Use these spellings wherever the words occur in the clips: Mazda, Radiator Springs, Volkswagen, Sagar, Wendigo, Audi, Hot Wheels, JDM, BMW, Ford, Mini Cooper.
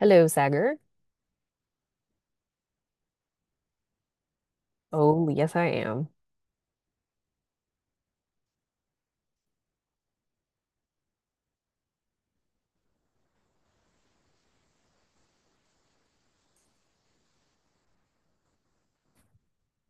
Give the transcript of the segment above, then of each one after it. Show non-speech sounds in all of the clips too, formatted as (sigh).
Hello, Sagar. Oh, yes, I am.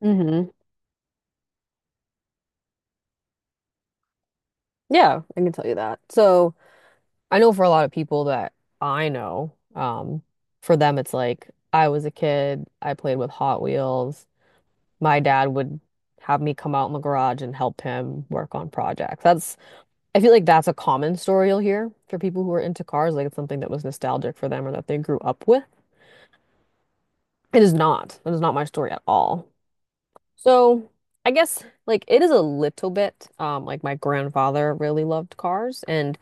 Hmm Yeah, I can tell you that. So I know for a lot of people that I know, um, for them it's like I was a kid, I played with Hot Wheels. My dad would have me come out in the garage and help him work on projects. That's I feel like that's a common story you'll hear for people who are into cars, like it's something that was nostalgic for them or that they grew up with. It is not. That is not my story at all. So I guess like it is a little bit like my grandfather really loved cars and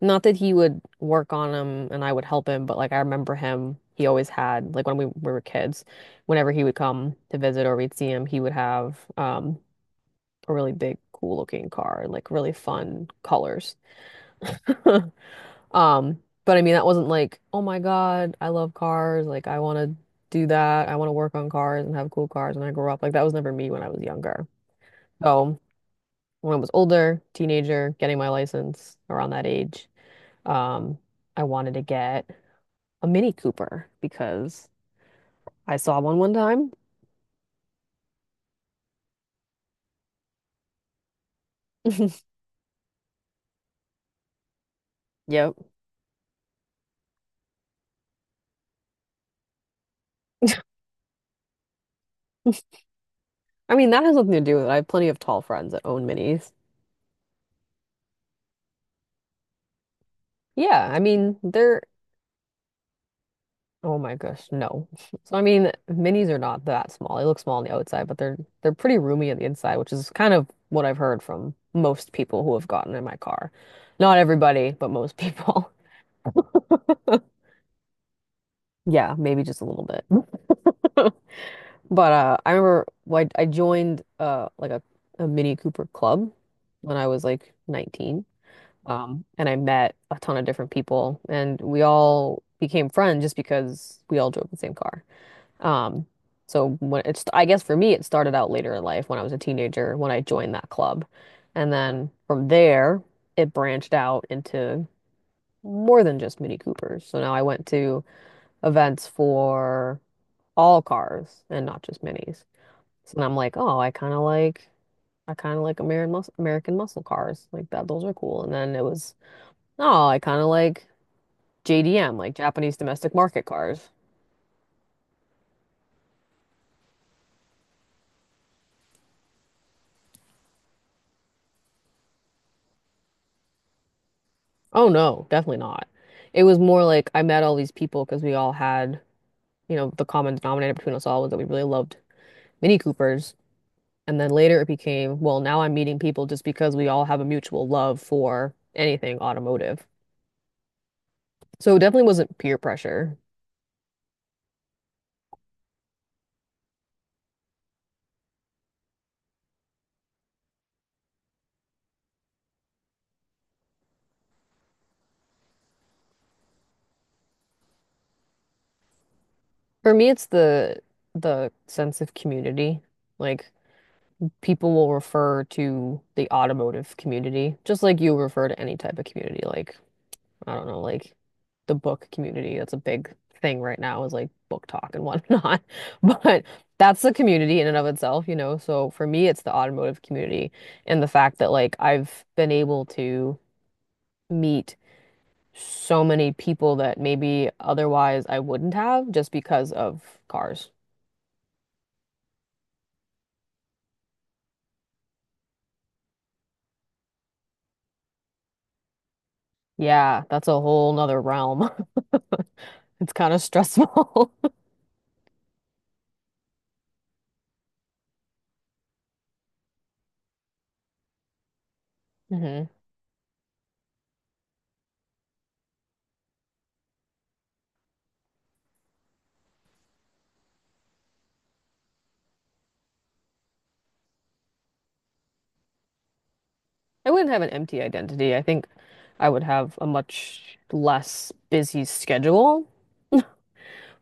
not that he would work on them and I would help him, but like I remember him, he always had like when we were kids, whenever he would come to visit or we'd see him, he would have a really big cool looking car, like really fun colors. (laughs) But I mean that wasn't like, oh my God, I love cars, like I want to do that. I want to work on cars and have cool cars when I grow up. Like that was never me when I was younger. So when I was older, teenager, getting my license around that age, um, I wanted to get a Mini Cooper because I saw one one time. (laughs) Yep. (laughs) I mean, that has nothing to do with it. I have plenty of tall friends that own minis. Yeah, I mean, they're, oh my gosh, no. (laughs) So I mean, minis are not that small. They look small on the outside, but they're pretty roomy on the inside, which is kind of what I've heard from most people who have gotten in my car. Not everybody, but most people. (laughs) Yeah, maybe just a little bit. (laughs) But I remember well, I joined like a Mini Cooper club when I was like 19. And I met a ton of different people, and we all became friends just because we all drove the same car. Um, so when it's I guess for me it started out later in life when I was a teenager when I joined that club, and then from there it branched out into more than just Mini Coopers. So now I went to events for all cars and not just minis. And I'm like, oh, I kind of like American muscle cars. Like that, those are cool. And then it was, oh, I kind of like JDM, like Japanese domestic market cars. Oh no, definitely not. It was more like I met all these people because we all had, you know, the common denominator between us all was that we really loved Mini Coopers. And then later it became, well, now I'm meeting people just because we all have a mutual love for anything automotive. So it definitely wasn't peer pressure. For me, it's the sense of community. Like people will refer to the automotive community, just like you refer to any type of community. Like, I don't know, like the book community. That's a big thing right now is like book talk and whatnot. (laughs) But that's the community in and of itself, you know. So for me, it's the automotive community and the fact that like I've been able to meet so many people that maybe otherwise I wouldn't have just because of cars. Yeah, that's a whole nother realm. (laughs) It's kind of stressful. (laughs) Mhm. I wouldn't have an empty identity. I think I would have a much less busy schedule,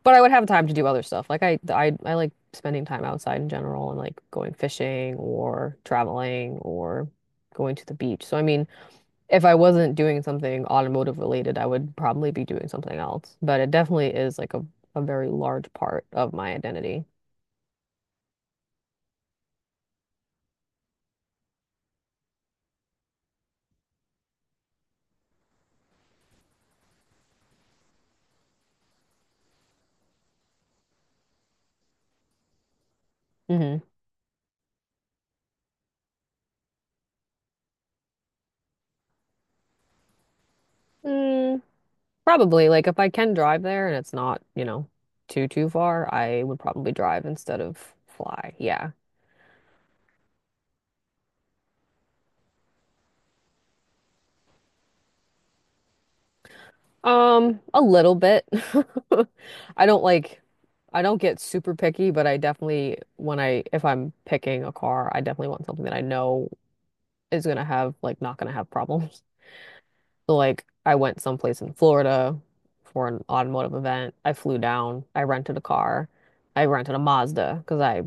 but I would have time to do other stuff. Like I like spending time outside in general and like going fishing or traveling or going to the beach. So I mean, if I wasn't doing something automotive related, I would probably be doing something else. But it definitely is like a very large part of my identity. Mm-hmm. Probably, like if I can drive there and it's not, you know, too far, I would probably drive instead of fly. Yeah. A little bit. (laughs) I don't like I don't get super picky, but I definitely when I if I'm picking a car, I definitely want something that I know is gonna have like not gonna have problems. So like I went someplace in Florida for an automotive event. I flew down. I rented a car. I rented a Mazda because I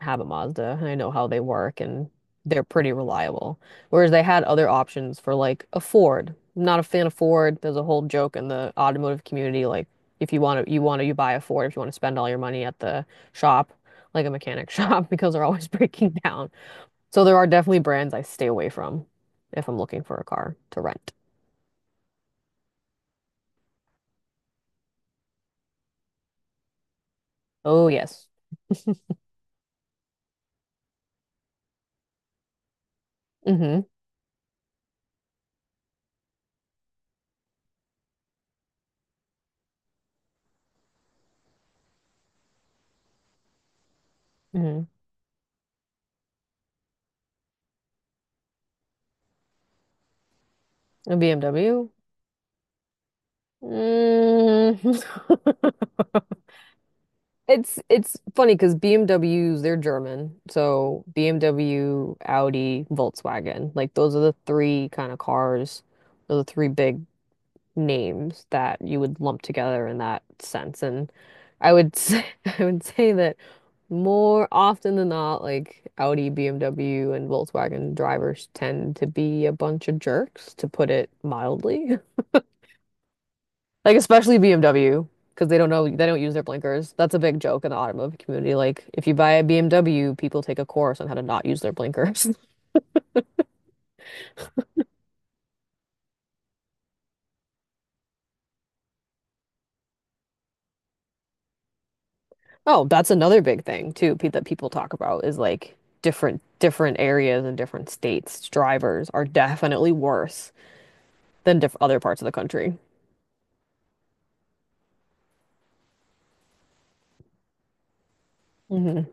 have a Mazda and I know how they work and they're pretty reliable. Whereas they had other options for like a Ford. Not a fan of Ford. There's a whole joke in the automotive community like if you want to you buy a Ford if you want to spend all your money at the shop like a mechanic (laughs) shop because they're always (laughs) breaking down. So there are definitely brands I stay away from if I'm looking for a car to rent. Oh, yes. hmm hmm A BMW. Mm. (laughs) It's funny because BMWs, they're German. So BMW, Audi, Volkswagen, like those are the three kind of cars, those are the three big names that you would lump together in that sense. And I would say, (laughs) I would say that more often than not, like Audi, BMW, and Volkswagen drivers tend to be a bunch of jerks, to put it mildly. (laughs) Like especially BMW because they don't use their blinkers. That's a big joke in the automotive community. Like if you buy a BMW, people take a course on how to not use their blinkers. (laughs) Oh, that's another big thing too pe that people talk about is like different areas and different states. Drivers are definitely worse than diff other parts of the country. Hmm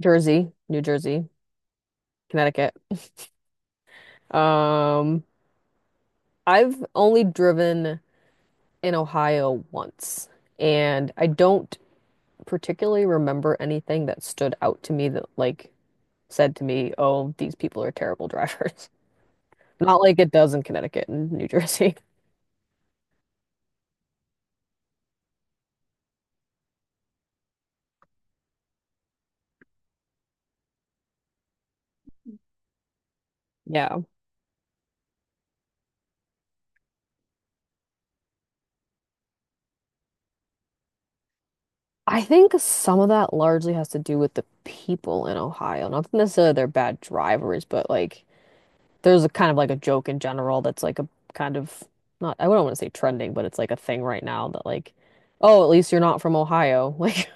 Jersey, New Jersey, Connecticut. Um, I've only driven in Ohio once, and I don't particularly remember anything that stood out to me that like said to me, "Oh, these people are terrible drivers." (laughs) Not like it does in Connecticut and New Jersey. (laughs) Yeah. I think some of that largely has to do with the people in Ohio. Not necessarily they're bad drivers, but like there's a kind of like a joke in general that's like a kind of not I wouldn't want to say trending, but it's like a thing right now that like, oh, at least you're not from Ohio. (laughs) Like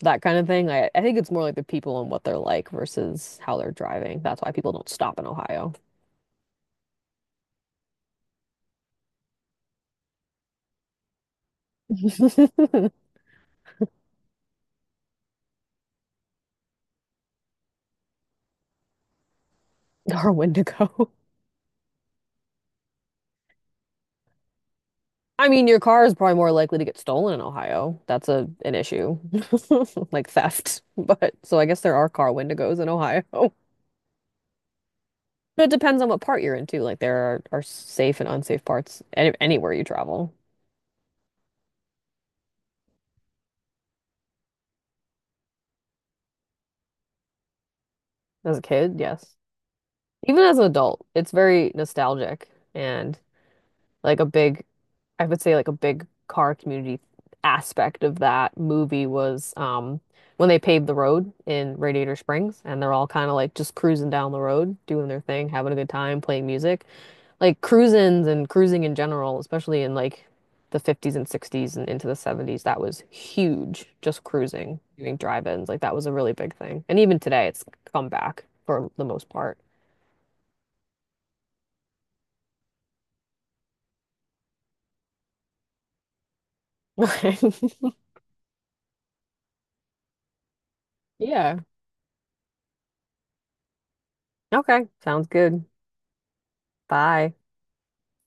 that kind of thing. I think it's more like the people and what they're like versus how they're driving. That's why people don't stop in Ohio (laughs) or Wendigo. I mean, your car is probably more likely to get stolen in Ohio. That's a an issue, (laughs) like theft. But so I guess there are car Wendigos in Ohio. (laughs) But it depends on what part you're into. Like are safe and unsafe parts anywhere you travel. As a kid, yes. Even as an adult, it's very nostalgic and like a big, I would say like a big car community aspect of that movie was when they paved the road in Radiator Springs and they're all kind of like just cruising down the road, doing their thing, having a good time, playing music. Like cruisins and cruising in general, especially in like the 50s and 60s and into the 70s, that was huge. Just cruising, doing drive-ins, like that was a really big thing. And even today, it's come back for the most part. (laughs) Yeah. Okay. Sounds good. Bye.